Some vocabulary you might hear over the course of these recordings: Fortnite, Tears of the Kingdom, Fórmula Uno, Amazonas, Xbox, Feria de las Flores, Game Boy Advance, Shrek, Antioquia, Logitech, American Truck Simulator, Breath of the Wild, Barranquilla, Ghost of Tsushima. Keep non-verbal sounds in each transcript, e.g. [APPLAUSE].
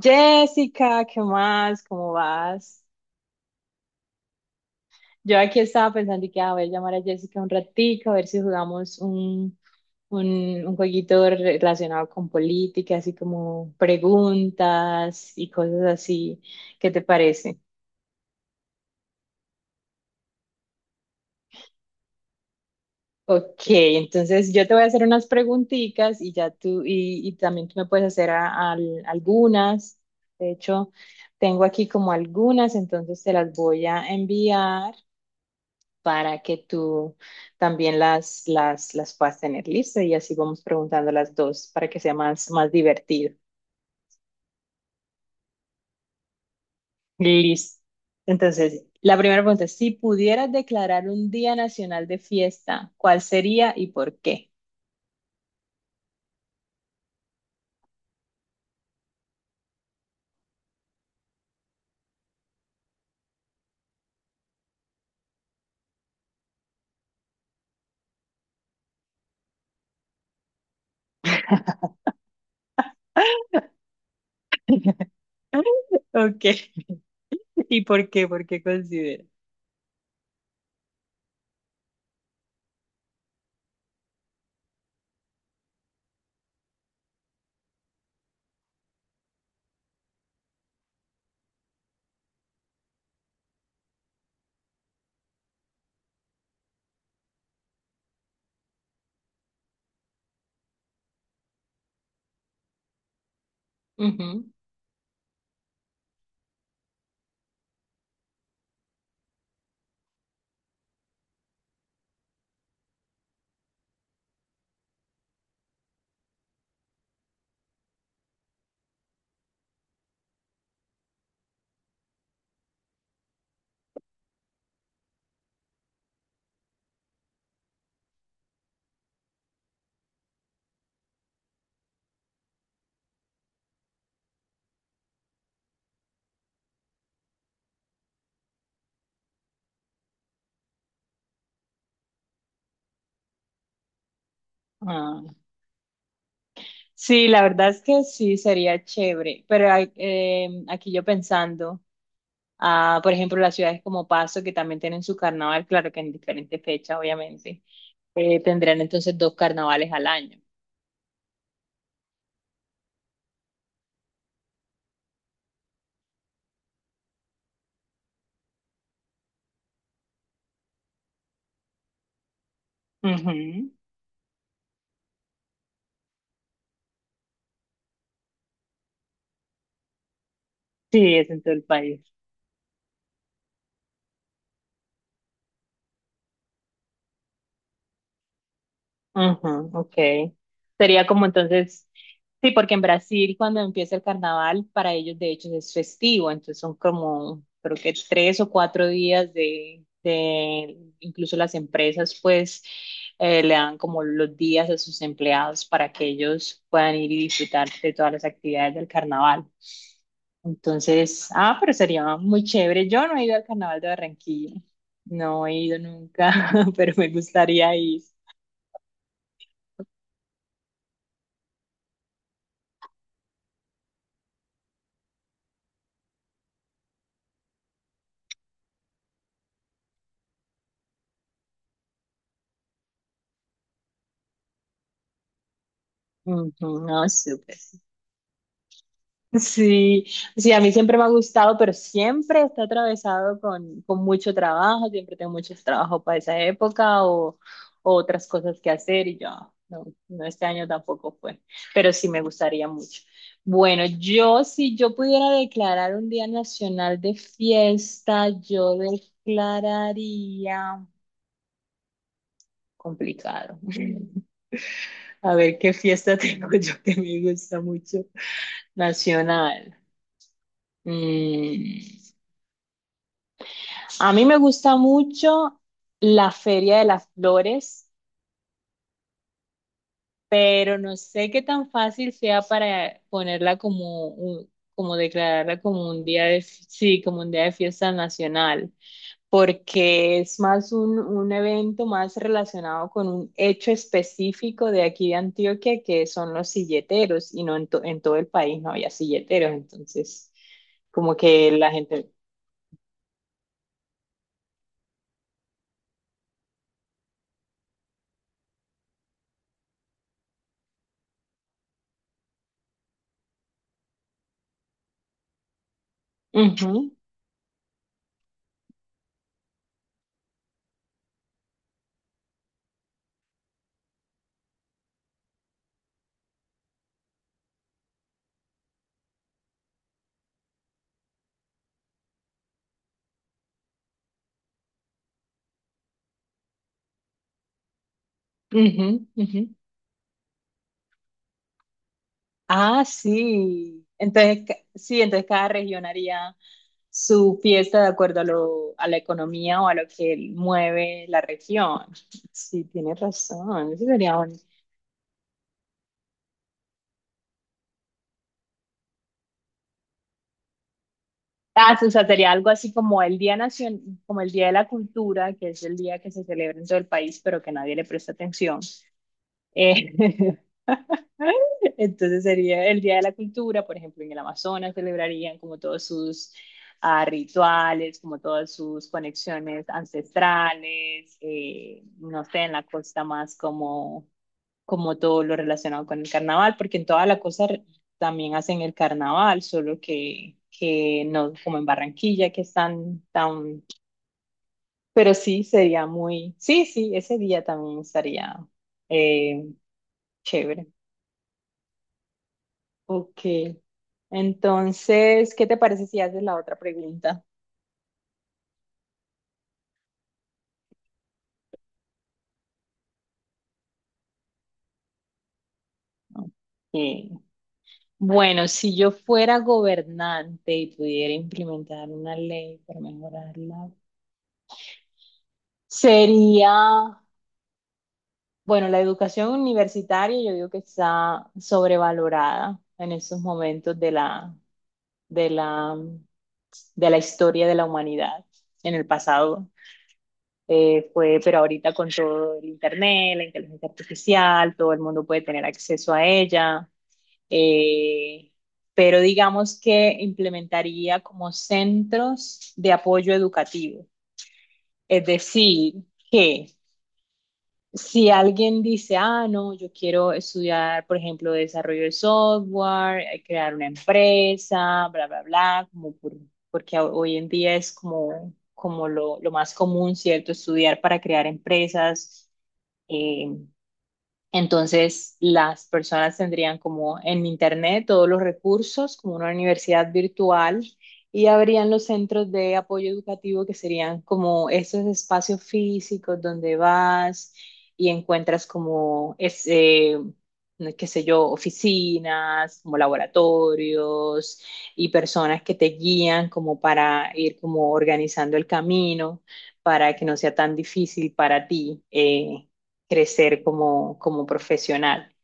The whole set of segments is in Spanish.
Jessica, ¿qué más? ¿Cómo vas? Yo aquí estaba pensando y que voy a ver, llamar a Jessica un ratico, a ver si jugamos un jueguito relacionado con política, así como preguntas y cosas así. ¿Qué te parece? Ok, entonces yo te voy a hacer unas preguntitas y ya tú, y también tú me puedes hacer algunas. De hecho, tengo aquí como algunas, entonces te las voy a enviar, para que tú también las puedas tener listas y así vamos preguntando las dos para que sea más divertido. Listo. Entonces, la primera pregunta es, si pudieras declarar un día nacional de fiesta, ¿cuál sería y por qué? [LAUGHS] Ok, ¿y por qué? ¿Por qué consideras? Ujú. Ah, sí, la verdad es que sí, sería chévere, pero aquí yo pensando. Ah, por ejemplo, las ciudades como Paso, que también tienen su carnaval, claro que en diferentes fechas, obviamente, tendrán entonces dos carnavales al año. Ujú. Sí, es en todo el país. Ujú, ok. Sería como entonces, sí, porque en Brasil cuando empieza el carnaval, para ellos de hecho es festivo, entonces son como, creo que tres o cuatro días de incluso las empresas pues le dan como los días a sus empleados para que ellos puedan ir y disfrutar de todas las actividades del carnaval. Entonces, pero sería muy chévere. Yo no he ido al carnaval de Barranquilla, no he ido nunca, [LAUGHS] pero me gustaría ir. Ujú. No, súper. Sí, sí, a mí siempre me ha gustado, pero siempre está atravesado con mucho trabajo, siempre tengo mucho trabajo para esa época o otras cosas que hacer y yo, no, no, este año tampoco fue, pero sí me gustaría mucho. Bueno, yo si yo pudiera declarar un día nacional de fiesta, yo declararía complicado. [LAUGHS] A ver qué fiesta [LAUGHS] tengo yo que me gusta mucho nacional. Mm, a mí me gusta mucho la Feria de las Flores, pero no sé qué tan fácil sea para ponerla como declararla como un día de, sí, como un día de fiesta nacional, porque es más un evento más relacionado con un hecho específico de aquí de Antioquia, que son los silleteros, y no en todo el país no había silleteros, entonces como que la gente... Ujú, ujú, ujú. Ah, sí. Entonces, sí, entonces cada región haría su fiesta de acuerdo a a la economía o a lo que mueve la región. [LAUGHS] Sí, tienes razón. Eso sería un... Ah, sí, o sea, sería algo así como el como el Día de la Cultura, que es el día que se celebra en todo el país, pero que nadie le presta atención. Eh, [LAUGHS] entonces sería el Día de la Cultura, por ejemplo, en el Amazonas celebrarían como todos sus rituales, como todas sus conexiones ancestrales, no sé, en la costa más como, como todo lo relacionado con el carnaval, porque en toda la también hacen el carnaval, solo que no como en Barranquilla, que están tan... Pero sí, sería muy... Sí, sí, ese día también estaría eh, chévere. Ok. Entonces, ¿qué te parece si haces la otra pregunta? Ok. Bueno, si yo fuera gobernante y pudiera implementar una ley para mejorarla, sería, bueno, la educación universitaria yo digo que está sobrevalorada en estos momentos de la, de la historia de la humanidad en el pasado. Fue, pero ahorita con todo el internet, la inteligencia artificial, todo el mundo puede tener acceso a ella. eh, pero digamos que implementaría como centros de apoyo educativo. Es decir, que si alguien dice, ah, no, yo quiero estudiar, por ejemplo, desarrollo de software, crear una empresa, bla, bla, bla, porque hoy en día es como, como lo más común, ¿cierto? Estudiar para crear empresas, eh, entonces, las personas tendrían como en Internet todos los recursos, como una universidad virtual, y habrían los centros de apoyo educativo que serían como esos espacios físicos donde vas y encuentras como, qué sé yo, oficinas, como laboratorios y personas que te guían como para ir como organizando el camino para que no sea tan difícil para ti, crecer como, como profesional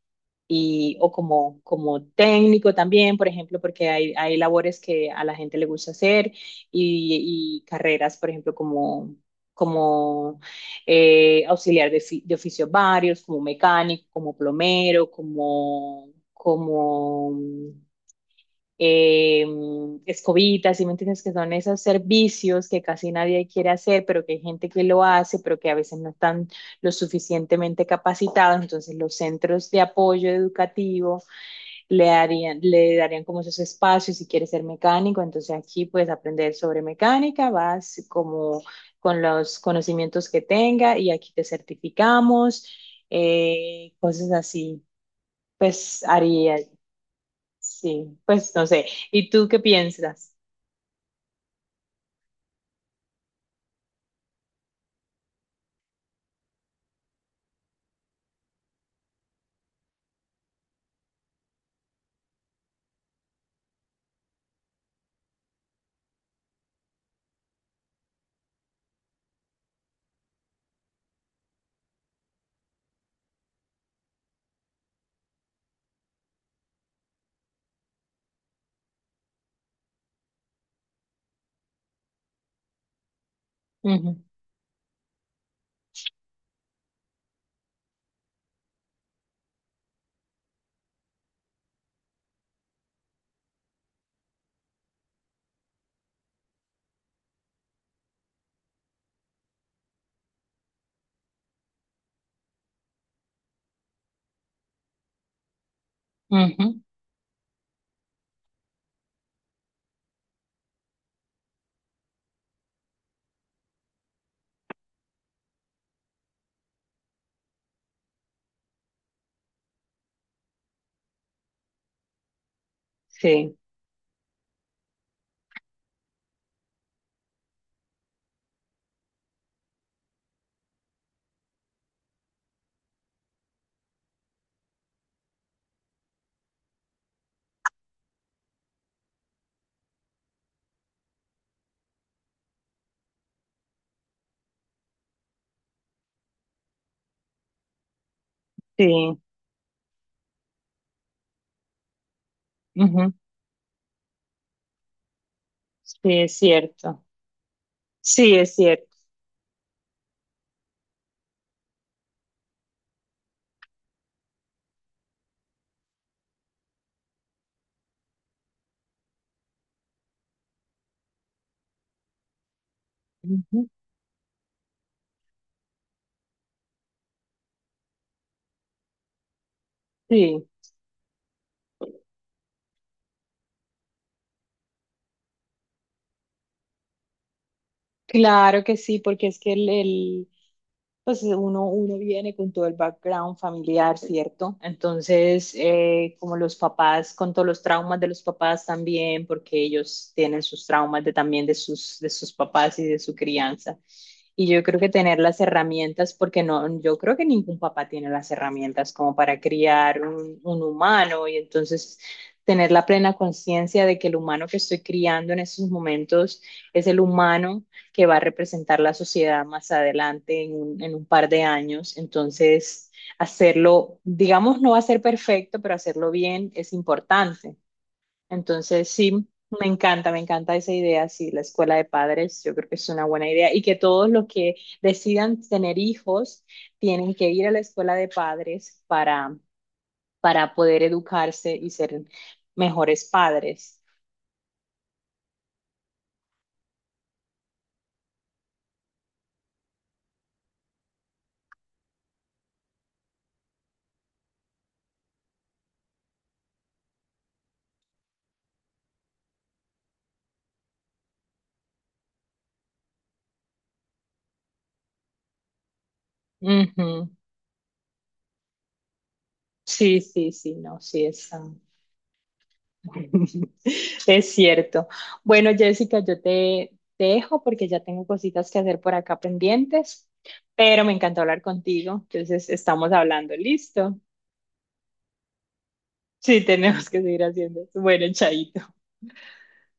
y, o como, como técnico también, por ejemplo, porque hay labores que a la gente le gusta hacer y carreras, por ejemplo, como, como auxiliar de, de oficios varios, como mecánico, como plomero, como, como eh, escobitas, ¿sí me entiendes? Que son esos servicios que casi nadie quiere hacer, pero que hay gente que lo hace, pero que a veces no están lo suficientemente capacitados. Entonces, los centros de apoyo educativo le darían como esos espacios si quieres ser mecánico. Entonces, aquí puedes aprender sobre mecánica, vas como con los conocimientos que tenga y aquí te certificamos, cosas así. Pues haría... Sí, pues no sé. ¿Y tú qué piensas? Ujú, ujú. Sí, sí, ujú. Sí, es cierto. Sí, es cierto. Ujú. Sí. Claro que sí, porque es que pues uno viene con todo el background familiar, ¿cierto? Entonces, como los papás, con todos los traumas de los papás también, porque ellos tienen sus traumas también de sus papás y de su crianza. Y yo creo que tener las herramientas, porque no, yo creo que ningún papá tiene las herramientas como para criar un humano y entonces tener la plena conciencia de que el humano que estoy criando en esos momentos es el humano que va a representar la sociedad más adelante en en un par de años. Entonces, hacerlo, digamos, no va a ser perfecto, pero hacerlo bien es importante. Entonces, sí, me encanta esa idea, sí, la escuela de padres, yo creo que es una buena idea y que todos los que decidan tener hijos tienen que ir a la escuela de padres para poder educarse y ser mejores padres. Ujú. Sí, sí, sí, no, sí, es, ah, [LAUGHS] es cierto. Bueno, Jessica, yo te, te dejo porque ya tengo cositas que hacer por acá pendientes, pero me encantó hablar contigo. Entonces, estamos hablando, ¿listo? Sí, tenemos que seguir haciendo. Bueno, chaito.